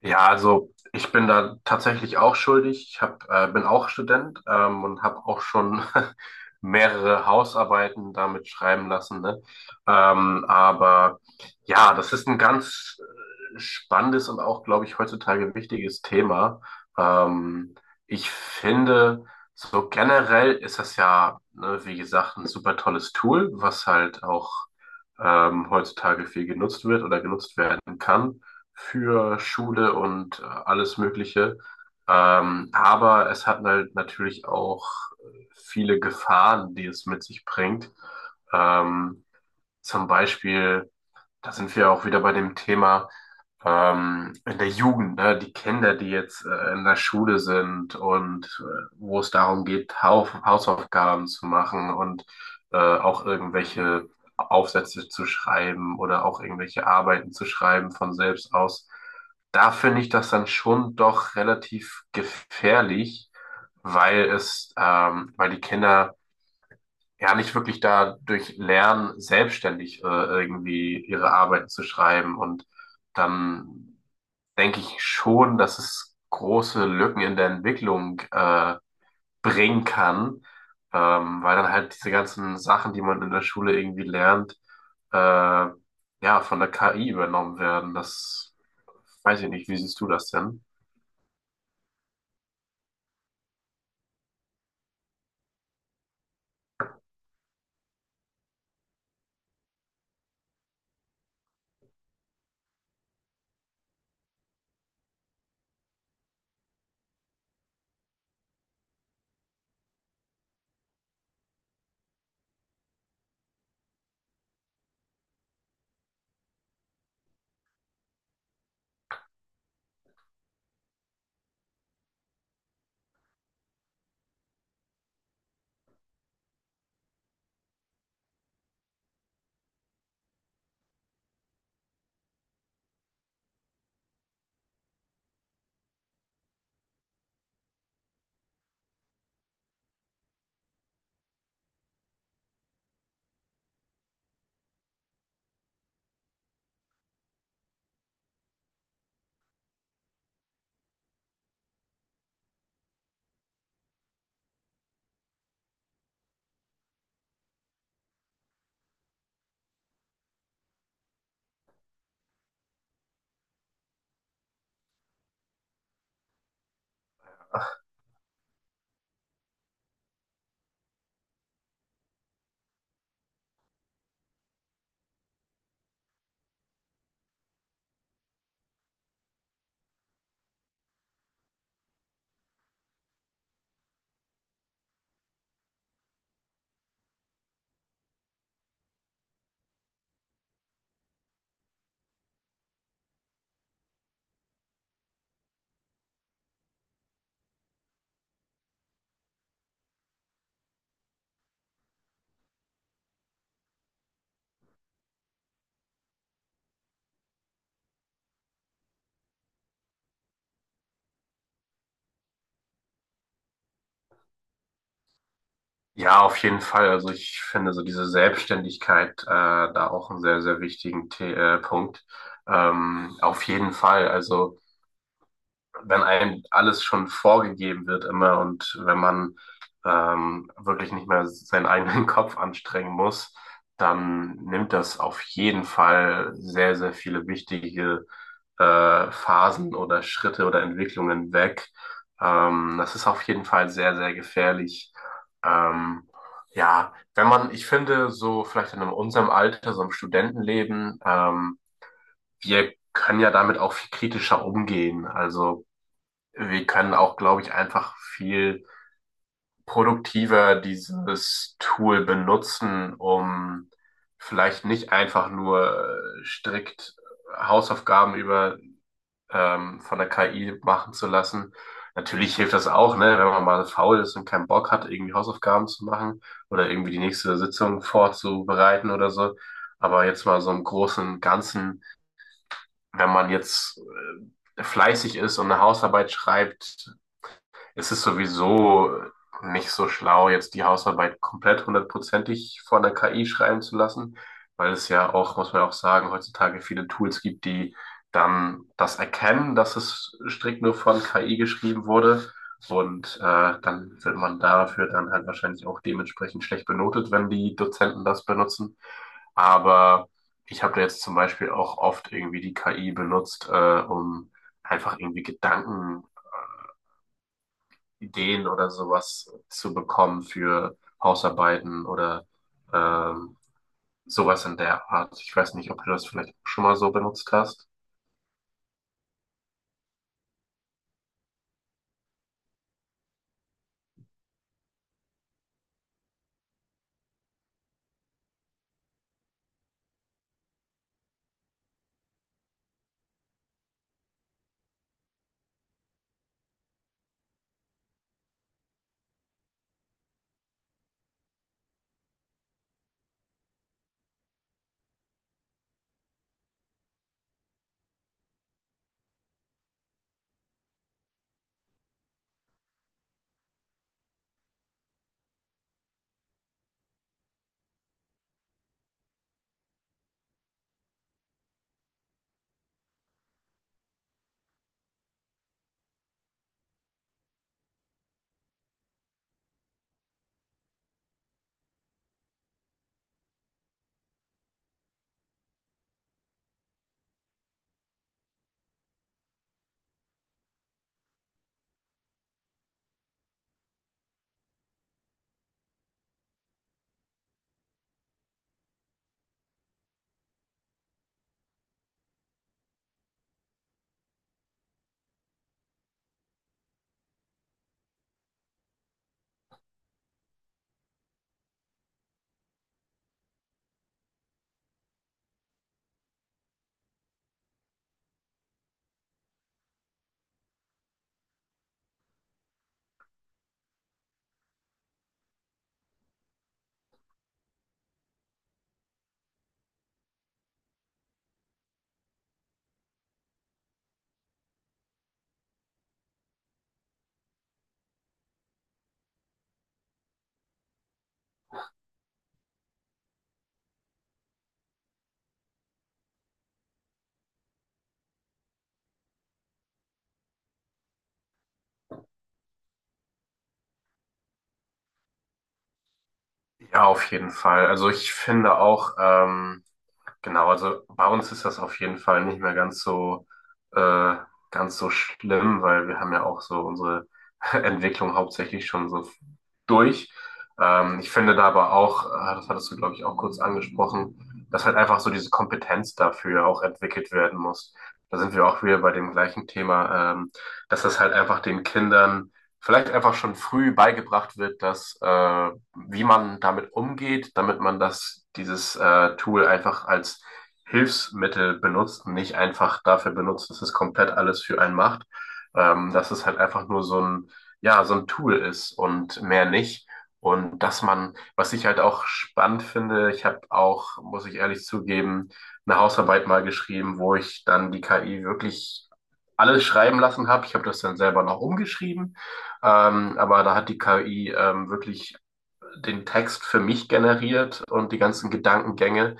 Ja, also ich bin da tatsächlich auch schuldig. Ich hab, bin auch Student, und habe auch schon mehrere Hausarbeiten damit schreiben lassen. Ne? Aber ja, das ist ein ganz spannendes und auch, glaube ich, heutzutage wichtiges Thema. Ähm, ich finde, so generell ist das ja, ne, wie gesagt, ein super tolles Tool, was halt auch heutzutage viel genutzt wird oder genutzt werden kann für Schule und alles Mögliche. Aber es hat halt natürlich auch viele Gefahren, die es mit sich bringt. Ähm, zum Beispiel da sind wir auch wieder bei dem Thema, in der Jugend, ne? Die Kinder, die jetzt in der Schule sind und wo es darum geht, Hausaufgaben zu machen und auch irgendwelche Aufsätze zu schreiben oder auch irgendwelche Arbeiten zu schreiben von selbst aus. Da finde ich das dann schon doch relativ gefährlich, weil es, weil die Kinder ja nicht wirklich da durch Lernen selbstständig irgendwie ihre Arbeiten zu schreiben. Und dann denke ich schon, dass es große Lücken in der Entwicklung bringen kann, weil dann halt diese ganzen Sachen, die man in der Schule irgendwie lernt, äh, ja, von der KI übernommen werden. Das weiß ich nicht. Wie siehst du das denn? Ja, auf jeden Fall. Also ich finde so diese Selbstständigkeit da auch einen sehr, sehr wichtigen The Punkt. Auf jeden Fall. Also wenn einem alles schon vorgegeben wird immer und wenn man wirklich nicht mehr seinen eigenen Kopf anstrengen muss, dann nimmt das auf jeden Fall sehr, sehr viele wichtige Phasen oder Schritte oder Entwicklungen weg. Das ist auf jeden Fall sehr, sehr gefährlich. Ähm, ja, wenn man, ich finde, so vielleicht in unserem Alter, so im Studentenleben, wir können ja damit auch viel kritischer umgehen. Also wir können auch, glaube ich, einfach viel produktiver dieses Tool benutzen, um vielleicht nicht einfach nur strikt Hausaufgaben über, von der KI machen zu lassen. Natürlich hilft das auch, ne, wenn man mal faul ist und keinen Bock hat, irgendwie Hausaufgaben zu machen oder irgendwie die nächste Sitzung vorzubereiten oder so. Aber jetzt mal so im Großen und Ganzen, wenn man jetzt fleißig ist und eine Hausarbeit schreibt, es ist sowieso nicht so schlau, jetzt die Hausarbeit komplett hundertprozentig von der KI schreiben zu lassen, weil es ja auch, muss man ja auch sagen, heutzutage viele Tools gibt, die dann das erkennen, dass es strikt nur von KI geschrieben wurde. Und dann wird man dafür dann halt wahrscheinlich auch dementsprechend schlecht benotet, wenn die Dozenten das benutzen. Aber ich habe da jetzt zum Beispiel auch oft irgendwie die KI benutzt, um einfach irgendwie Gedanken, Ideen oder sowas zu bekommen für Hausarbeiten oder ähm, sowas in der Art. Ich weiß nicht, ob du das vielleicht schon mal so benutzt hast. Ja, auf jeden Fall. Also ich finde auch, genau, also bei uns ist das auf jeden Fall nicht mehr äh, ganz so schlimm, weil wir haben ja auch so unsere Entwicklung hauptsächlich schon so durch. Ich finde da aber auch, das hattest du, glaube ich, auch kurz angesprochen, dass halt einfach so diese Kompetenz dafür auch entwickelt werden muss. Da sind wir auch wieder bei dem gleichen Thema, dass das halt einfach den Kindern vielleicht einfach schon früh beigebracht wird, dass wie man damit umgeht, damit man das, dieses Tool einfach als Hilfsmittel benutzt und nicht einfach dafür benutzt, dass es komplett alles für einen macht. Dass es halt einfach nur so ein, ja, so ein Tool ist und mehr nicht. Und dass man, was ich halt auch spannend finde, ich habe auch, muss ich ehrlich zugeben, eine Hausarbeit mal geschrieben, wo ich dann die KI wirklich alles schreiben lassen habe. Ich habe das dann selber noch umgeschrieben, aber da hat die KI wirklich den Text für mich generiert und die ganzen Gedankengänge.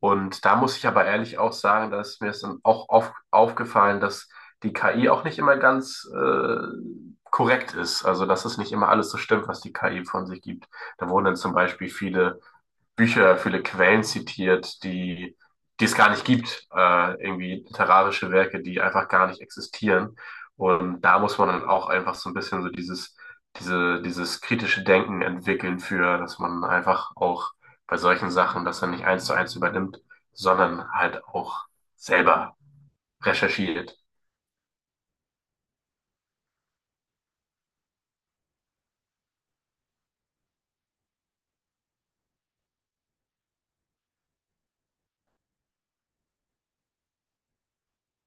Und da muss ich aber ehrlich auch sagen, da ist mir es dann auch aufgefallen, dass die KI auch nicht immer ganz korrekt ist. Also, dass es nicht immer alles so stimmt, was die KI von sich gibt. Da wurden dann zum Beispiel viele Bücher, viele Quellen zitiert, die es gar nicht gibt. Irgendwie literarische Werke, die einfach gar nicht existieren. Und da muss man dann auch einfach so ein bisschen so dieses kritische Denken entwickeln für, dass man einfach auch bei solchen Sachen das dann nicht eins zu eins übernimmt, sondern halt auch selber recherchiert.